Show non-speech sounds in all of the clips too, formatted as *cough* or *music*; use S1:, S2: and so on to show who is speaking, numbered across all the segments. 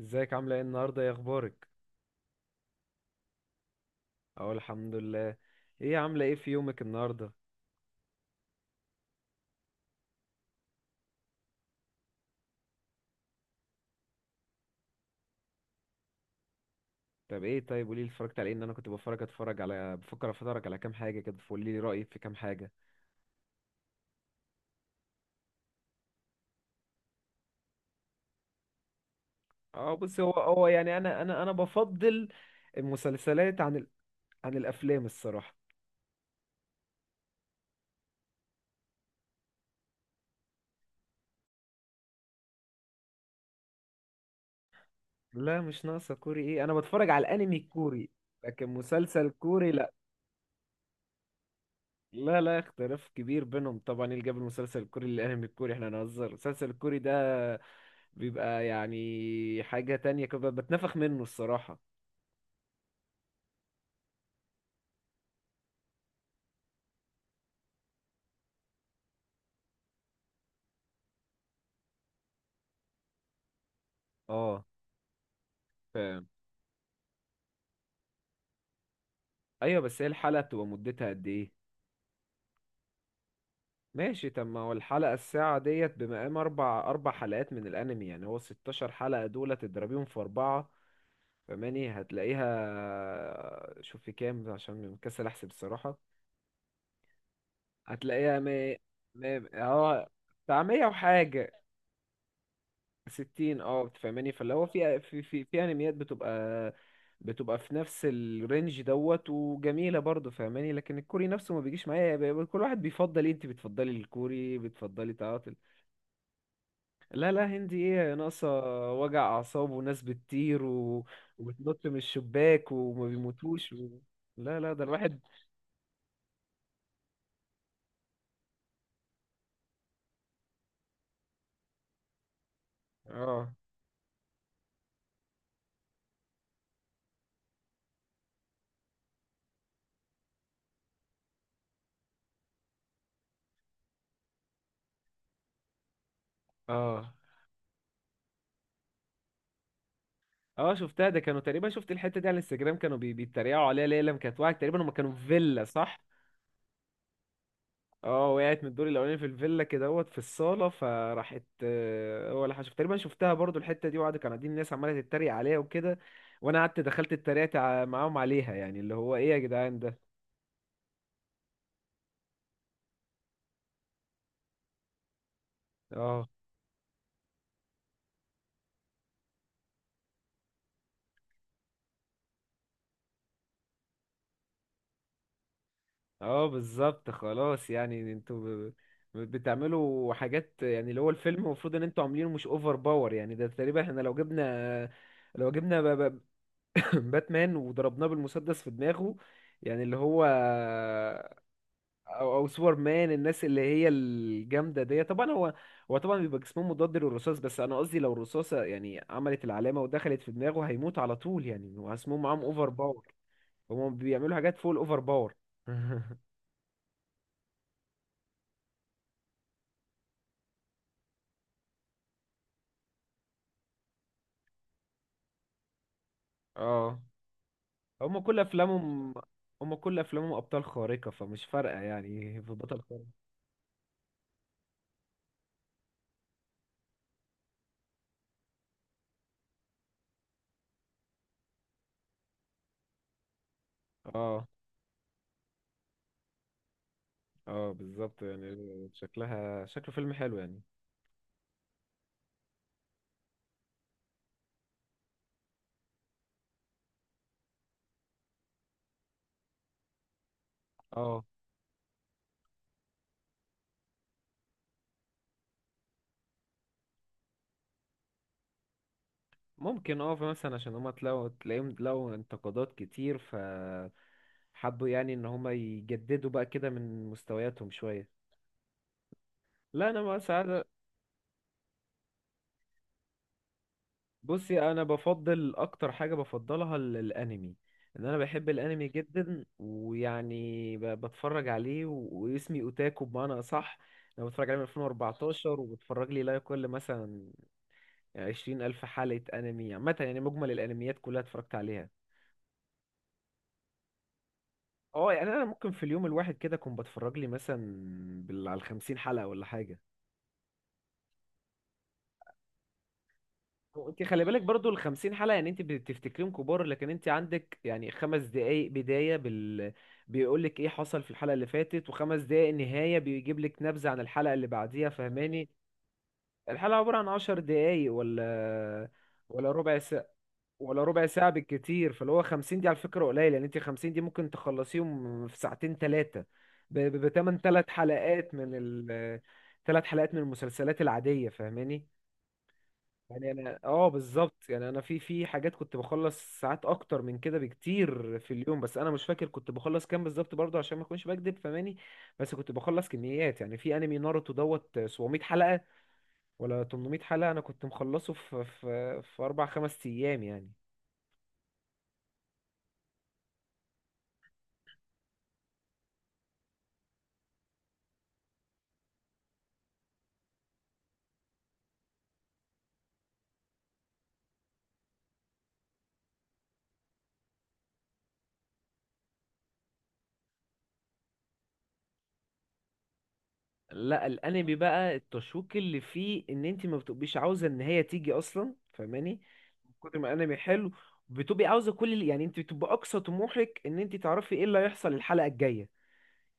S1: ازيك عاملة ايه النهاردة يا اخبارك؟ اقول الحمد لله. ايه عاملة ايه في يومك النهاردة؟ طب ايه طيب قوليلي اتفرجت على ايه، ان انا كنت بفرج اتفرج على بفكر اتفرج على كام حاجة كده، فقوليلي رأيك في كام حاجة. اه بصي، هو يعني انا بفضل المسلسلات عن عن الافلام الصراحة. لا مش ناقصة كوري، ايه، انا بتفرج على الانمي الكوري لكن مسلسل كوري لا. لا، اختلاف كبير بينهم طبعا. ايه اللي جاب المسلسل الكوري للانمي الكوري؟ احنا نهزر، المسلسل الكوري ده بيبقى يعني حاجة تانية كده، بتنفخ منه الصراحة. اه فاهم. ايوه بس هي الحلقة بتبقى مدتها قد ايه؟ ماشي، طب ما هو الحلقة الساعة ديت بمقام اربع حلقات من الانمي، يعني هو 16 حلقة دول تضربيهم في اربعة، فماني هتلاقيها، شوف في كام عشان مكسل احسب الصراحة. هتلاقيها مي... مي... اه بتاع 100 وحاجة ستين، اه بتفهماني؟ فاللي هو في انميات بتبقى، بتبقى في نفس الرينج دوت وجميلة برضه، فاهماني؟ لكن الكوري نفسه ما بيجيش معايا. كل واحد بيفضل ايه، انت بتفضلي الكوري، بتفضلي تعاطل. لا، هندي ايه ناقصة، وجع اعصاب وناس بتطير وبتنط من الشباك وما بيموتوش لا لا، ده الواحد. اه. اه اه شفتها، ده كانوا تقريبا، شفت الحتة دي على الانستجرام كانوا بيتريقوا عليها ليه لما كانت واحد، تقريبا هم كانوا في فيلا، صح؟ اه وقعت من الدور الاولاني في الفيلا كده، اهوت في الصاله فراحت، آه، هو اللي حشف، تقريبا شفتها برضو الحته دي، وقعدوا، كانوا قاعدين، الناس عماله تتريق عليها وكده، وانا قعدت دخلت اتريقت معاهم عليها، يعني اللي هو ايه يا جدعان ده. اه. اه بالظبط خلاص، يعني انتوا بتعملوا حاجات، يعني اللي هو الفيلم المفروض ان انتوا عاملينه مش اوفر باور، يعني ده تقريبا احنا لو جبنا، لو جبنا *coughs* باتمان وضربناه بالمسدس في دماغه، يعني اللي هو، او او سوبر مان، الناس اللي هي الجامده دي طبعا، هو طبعا بيبقى جسمه مضاد للرصاص، بس انا قصدي لو الرصاصه يعني عملت العلامه ودخلت في دماغه هيموت على طول، يعني واسمهم معاهم اوفر باور، هم بيعملوا حاجات فوق الاوفر باور. *laughs* اه هم كل افلامهم، هم كل افلامهم ابطال خارقه، فمش فارقه يعني في بطل خارق. اه. اه بالظبط يعني، شكلها شكله فيلم حلو يعني. اه ممكن، اه مثلا عشان هما تلاقيهم لقوا انتقادات كتير، ف حبوا يعني ان هما يجددوا بقى كده من مستوياتهم شوية. لا انا بقى ساعات. بصي انا بفضل اكتر حاجة بفضلها الانمي، ان انا بحب الانمي جدا، ويعني بتفرج عليه واسمي اوتاكو بمعنى اصح. انا بتفرج عليه من 2014، وبتفرج لي لا يقل مثلا 20 الف حلقة انمي عامة، يعني مجمل الانميات كلها اتفرجت عليها. اه يعني انا ممكن في اليوم الواحد كده اكون بتفرج لي مثلا بال على 50 حلقه ولا حاجه. هو انت خلي بالك برضو ال 50 حلقه، يعني انت بتفتكريهم كبار لكن انت عندك يعني خمس دقائق بدايه بال بيقول لك ايه حصل في الحلقه اللي فاتت، وخمس دقائق نهايه بيجيب لك نبذه عن الحلقه اللي بعديها، فهماني؟ الحلقه عباره عن 10 دقائق، ولا ربع ساعه، ولا ربع ساعة بالكتير، فاللي هو 50 دي على فكرة قليل، يعني انت 50 دي ممكن تخلصيهم في ساعتين ثلاثة، بتمن ثلاث حلقات من ثلاث حلقات من المسلسلات العادية، فاهماني؟ يعني انا اه بالظبط، يعني انا في في حاجات كنت بخلص ساعات اكتر من كده بكتير في اليوم، بس انا مش فاكر كنت بخلص كام بالظبط برضه عشان ما اكونش بكدب فاهماني. بس كنت بخلص كميات، يعني في انمي ناروتو دوت 700 حلقة ولا 800 حلقة انا كنت مخلصه في اربع خمس ايام يعني. لا الانمي بقى التشويق اللي فيه ان انت ما بتبقيش عاوزه ان هي تيجي اصلا فاهماني، من كتر ما الانمي حلو بتبقي عاوزه كل اللي، يعني انت بتبقى اقصى طموحك ان انت تعرفي ايه اللي هيحصل الحلقه الجايه.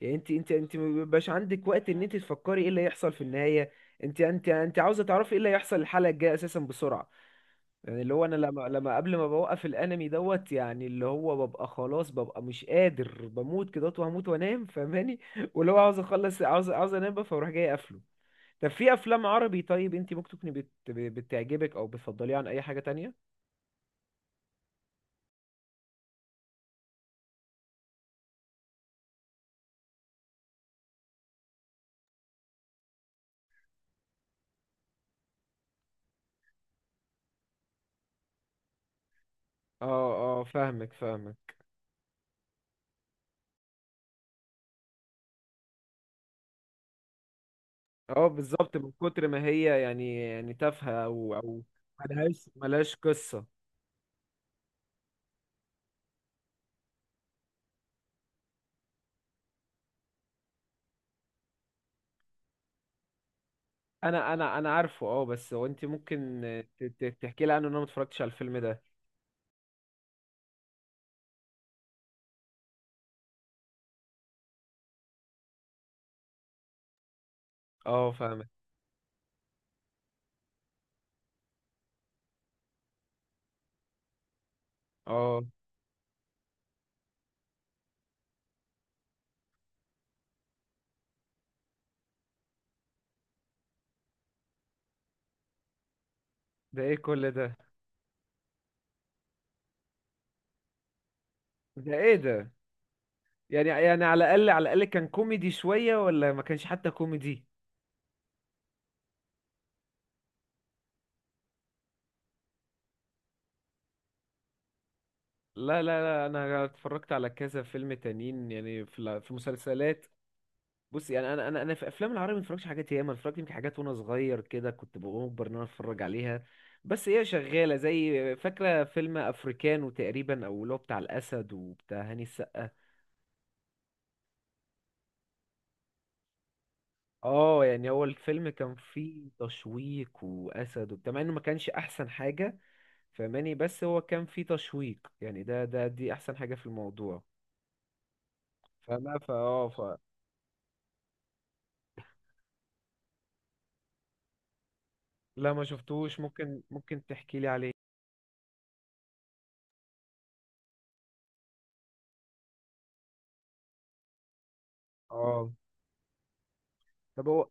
S1: يعني انت ما بيبقاش عندك وقت ان انت تفكري ايه اللي هيحصل في النهايه، انت عاوزه تعرفي ايه اللي هيحصل الحلقه الجايه اساسا بسرعه. يعني اللي هو انا لما قبل ما بوقف الانمي دوت، يعني اللي هو ببقى خلاص ببقى مش قادر بموت كده وهموت وانام فاهماني، *laughs* واللي هو عاوز اخلص، عاوز انام بقى، فاروح جاي قافله. طب في افلام عربي، طيب انت ممكن تكوني بتعجبك او بتفضليها عن اي حاجة تانية؟ اه. اه فاهمك. اه بالظبط، من كتر ما هي يعني يعني تافهة او ملهاش قصة. انا عارفه اه، بس هو انت ممكن تحكي لي عنه، ان انا ما اتفرجتش على الفيلم ده. اه فاهمك. اه ده ايه كل ده؟ ده ايه ده، يعني يعني على الاقل، على الاقل كان كوميدي شوية، ولا ما كانش حتى كوميدي؟ لا لا لا، انا اتفرجت على كذا فيلم تانيين، يعني في في مسلسلات. بص يعني انا في افلام العربي ما اتفرجتش حاجات ياما، اتفرجت يمكن حاجات وانا صغير كده كنت بأجبر ان انا اتفرج عليها، بس هي شغاله زي، فاكره فيلم افريكانو تقريبا، او اللي هو بتاع الاسد وبتاع هاني السقا. اه يعني هو الفيلم كان فيه تشويق واسد وبتاع، مع انه ما كانش احسن حاجه فاهماني، بس هو كان فيه تشويق، يعني ده دي احسن حاجه في الموضوع. فما فا اه ف لا ما شفتوش، ممكن، ممكن تحكي لي عليه. اه طب هو،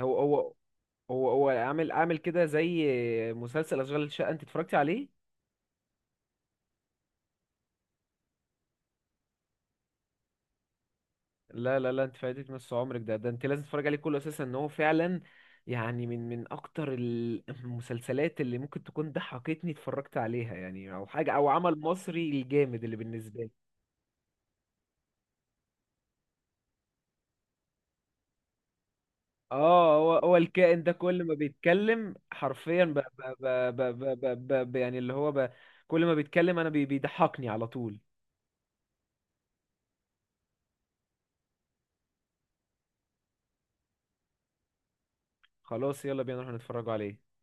S1: هو هو هو عامل عامل كده زي مسلسل اشغال الشقه، انت اتفرجتي عليه؟ لا لا لا، انت فايتك نص عمرك، ده انت لازم تتفرج عليه كله اساسا، ان هو فعلا يعني من من اكتر *clears throat* المسلسلات اللي ممكن تكون ضحكتني اتفرجت عليها، يعني او حاجه او عمل مصري الجامد اللي بالنسبه لي. اه هو هو الكائن ده كل ما بيتكلم حرفيا ب ب ب ب ب ب ب يعني اللي هو ب، كل ما بيتكلم انا بيضحكني على طول. خلاص يلا بينا نروح نتفرجوا عليه.